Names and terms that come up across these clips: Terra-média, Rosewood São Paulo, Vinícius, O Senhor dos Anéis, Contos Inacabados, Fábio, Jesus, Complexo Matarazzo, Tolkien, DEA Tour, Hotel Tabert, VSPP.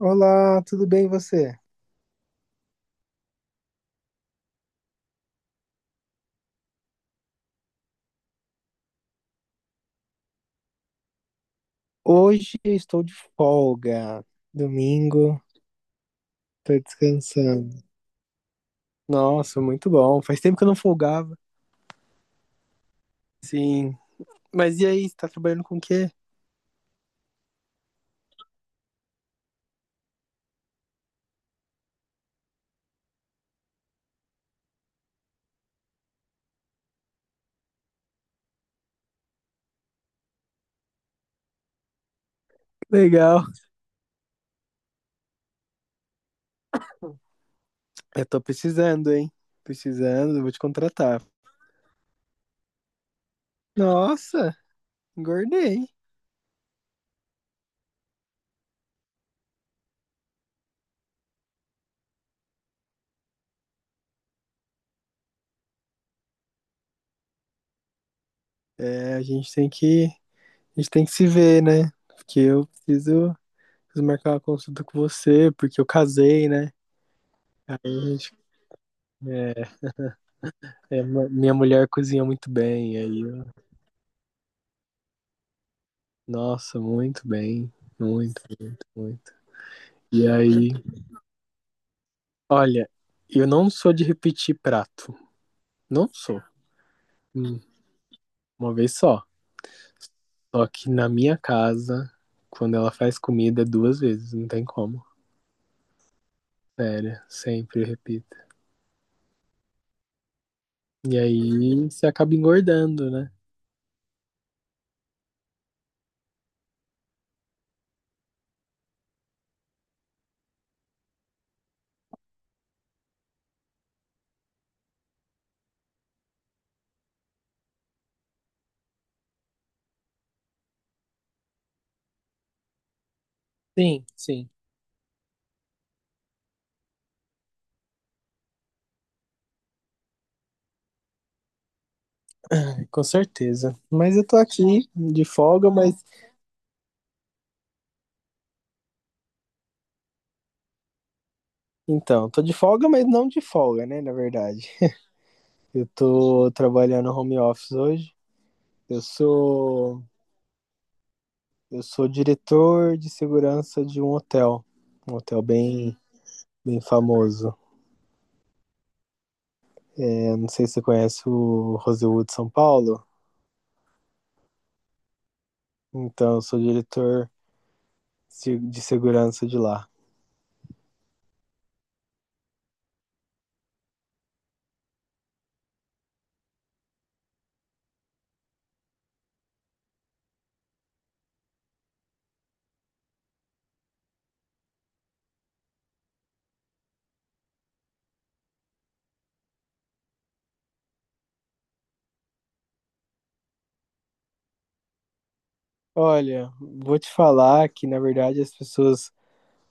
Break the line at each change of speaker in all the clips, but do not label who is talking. Olá, tudo bem e você? Hoje eu estou de folga. Domingo, tô descansando. Nossa, muito bom. Faz tempo que eu não folgava. Sim. Mas e aí, você tá trabalhando com o quê? Legal. Eu tô precisando, hein? Precisando, vou te contratar. Nossa, engordei. É, a gente tem que, a gente tem que se ver, né? Porque eu preciso, preciso marcar uma consulta com você, porque eu casei, né? Aí a gente, é, é, minha mulher cozinha muito bem, aí eu. Nossa, muito bem. Muito, muito, muito. E aí, olha, eu não sou de repetir prato. Não sou. Hum. Uma vez só. Só que na minha casa, quando ela faz comida, é duas vezes. Não tem como. Sério, sempre eu repito. E aí você acaba engordando, né? Sim, sim. Com certeza. Mas eu tô aqui de folga, mas. Então, tô de folga, mas não de folga, né? Na verdade. Eu tô trabalhando home office hoje. Eu sou Eu sou diretor de segurança de um hotel bem, bem famoso. É, não sei se você conhece o Rosewood São Paulo. Então, eu sou diretor de segurança de lá. Olha, vou te falar que na verdade as pessoas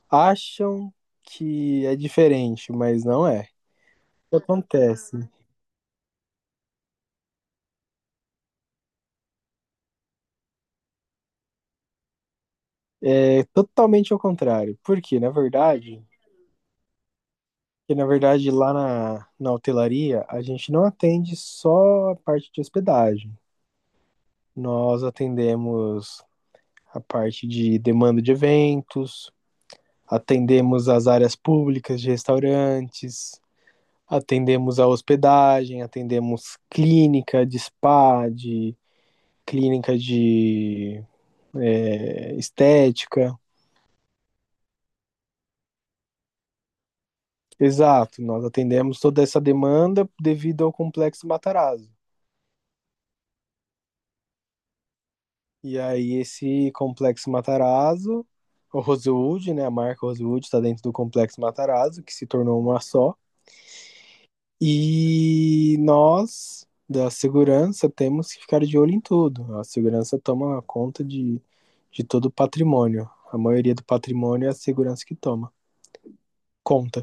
acham que é diferente, mas não é. O que acontece? É totalmente ao contrário. Porque, na verdade, lá na hotelaria a gente não atende só a parte de hospedagem. Nós atendemos a parte de demanda de eventos, atendemos as áreas públicas de restaurantes, atendemos a hospedagem, atendemos clínica de spa, de clínica de estética. Exato, nós atendemos toda essa demanda devido ao Complexo Matarazzo. E aí esse Complexo Matarazzo, o Rosewood, né, a marca Rosewood está dentro do Complexo Matarazzo, que se tornou uma só. E nós, da segurança, temos que ficar de olho em tudo. A segurança toma conta de todo o patrimônio. A maioria do patrimônio é a segurança que toma. Conta.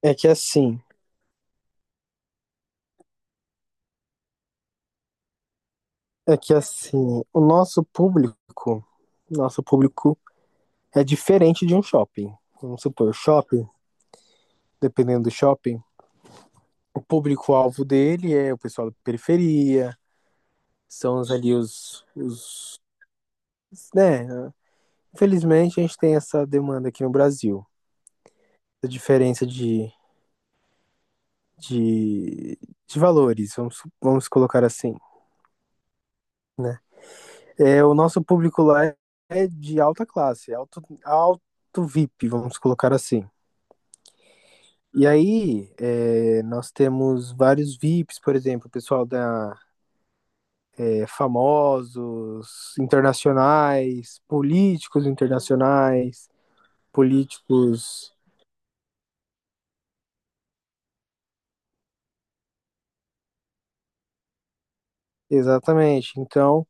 É que assim, é que assim, nosso público é diferente de um shopping. Vamos supor, shopping, dependendo do shopping, o público-alvo dele é o pessoal da periferia, são os ali os, né, Infelizmente, a gente tem essa demanda aqui no Brasil, a diferença de, de valores, vamos colocar assim. É, o nosso público lá é de alta classe, alto, alto VIP, vamos colocar assim. E aí, é, nós temos vários VIPs, por exemplo, pessoal da famosos, internacionais, políticos internacionais, políticos. Exatamente. Então,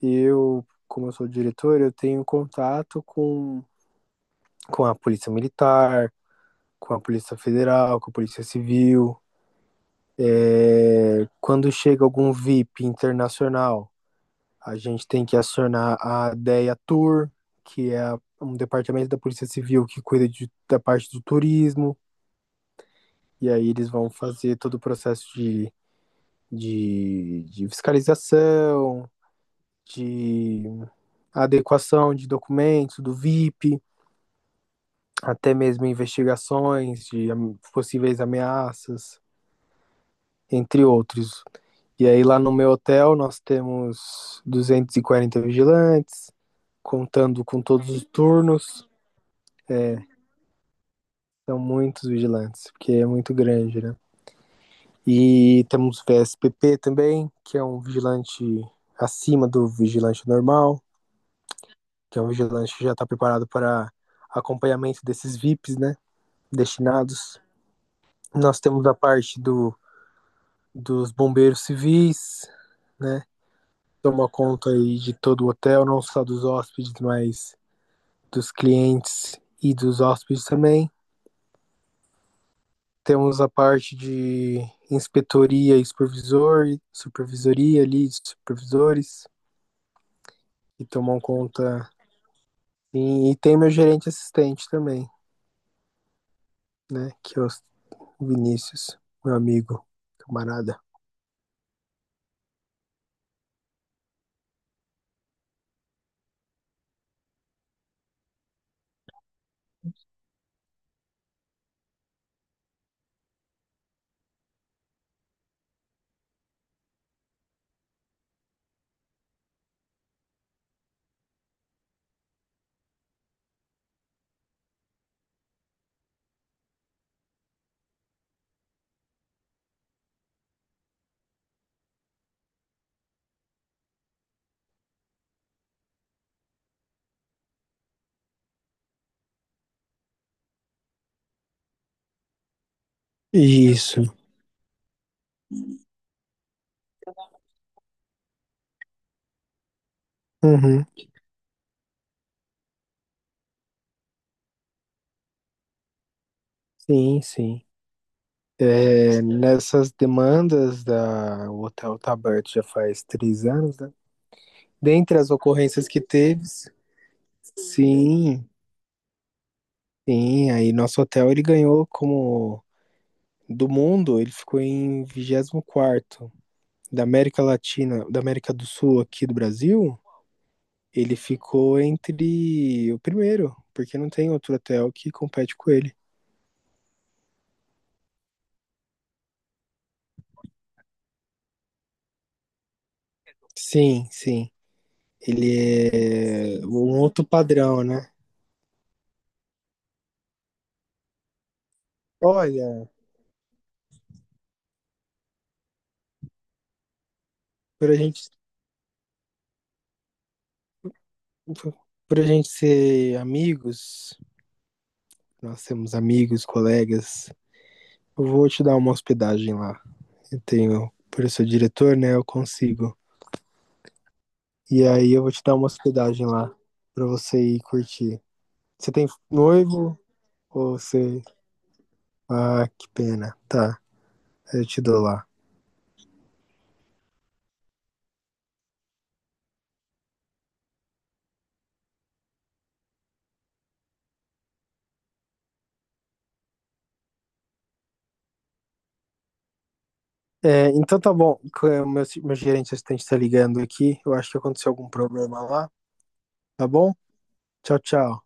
eu, como eu sou diretor, eu tenho contato com a Polícia Militar, com a Polícia Federal, com a Polícia Civil. Quando chega algum VIP internacional, a gente tem que acionar a DEA Tour, que é um departamento da Polícia Civil que cuida de, da parte do turismo, e aí eles vão fazer todo o processo de, de fiscalização, de adequação de documentos do VIP, até mesmo investigações de possíveis ameaças, entre outros. E aí lá no meu hotel nós temos 240 vigilantes, contando com todos os turnos, são muitos vigilantes, porque é muito grande, né? E temos VSPP também, que é um vigilante acima do vigilante normal, que é um vigilante que já está preparado para acompanhamento desses VIPs, né? Destinados. Nós temos a parte do dos bombeiros civis, né? Toma conta aí de todo o hotel, não só dos hóspedes, mas dos clientes e dos hóspedes também. Temos a parte de inspetoria e supervisor, supervisoria ali, de supervisores, que tomam conta. E tem meu gerente assistente também, né? Que é o Vinícius, meu amigo, camarada. Isso. Uhum. Sim, sim. É, nessas demandas da o Hotel Tabert já faz 3 anos, né? Dentre as ocorrências que teve, sim, sim, aí nosso hotel ele ganhou como do mundo, ele ficou em 24º da América Latina, da América do Sul aqui do Brasil, ele ficou entre o primeiro, porque não tem outro hotel que compete com ele. Sim, sim. Ele é um outro padrão, né? Olha, por a gente Por por a gente ser amigos, nós temos amigos, colegas. Eu vou te dar uma hospedagem lá. Eu tenho, por eu ser diretor, né? Eu consigo. E aí eu vou te dar uma hospedagem lá pra você ir curtir. Você tem noivo ou você. Ah, que pena. Tá, eu te dou lá. É, então tá bom. É, meu, meu gerente assistente tá ligando aqui. Eu acho que aconteceu algum problema lá. Tá bom? Tchau, tchau.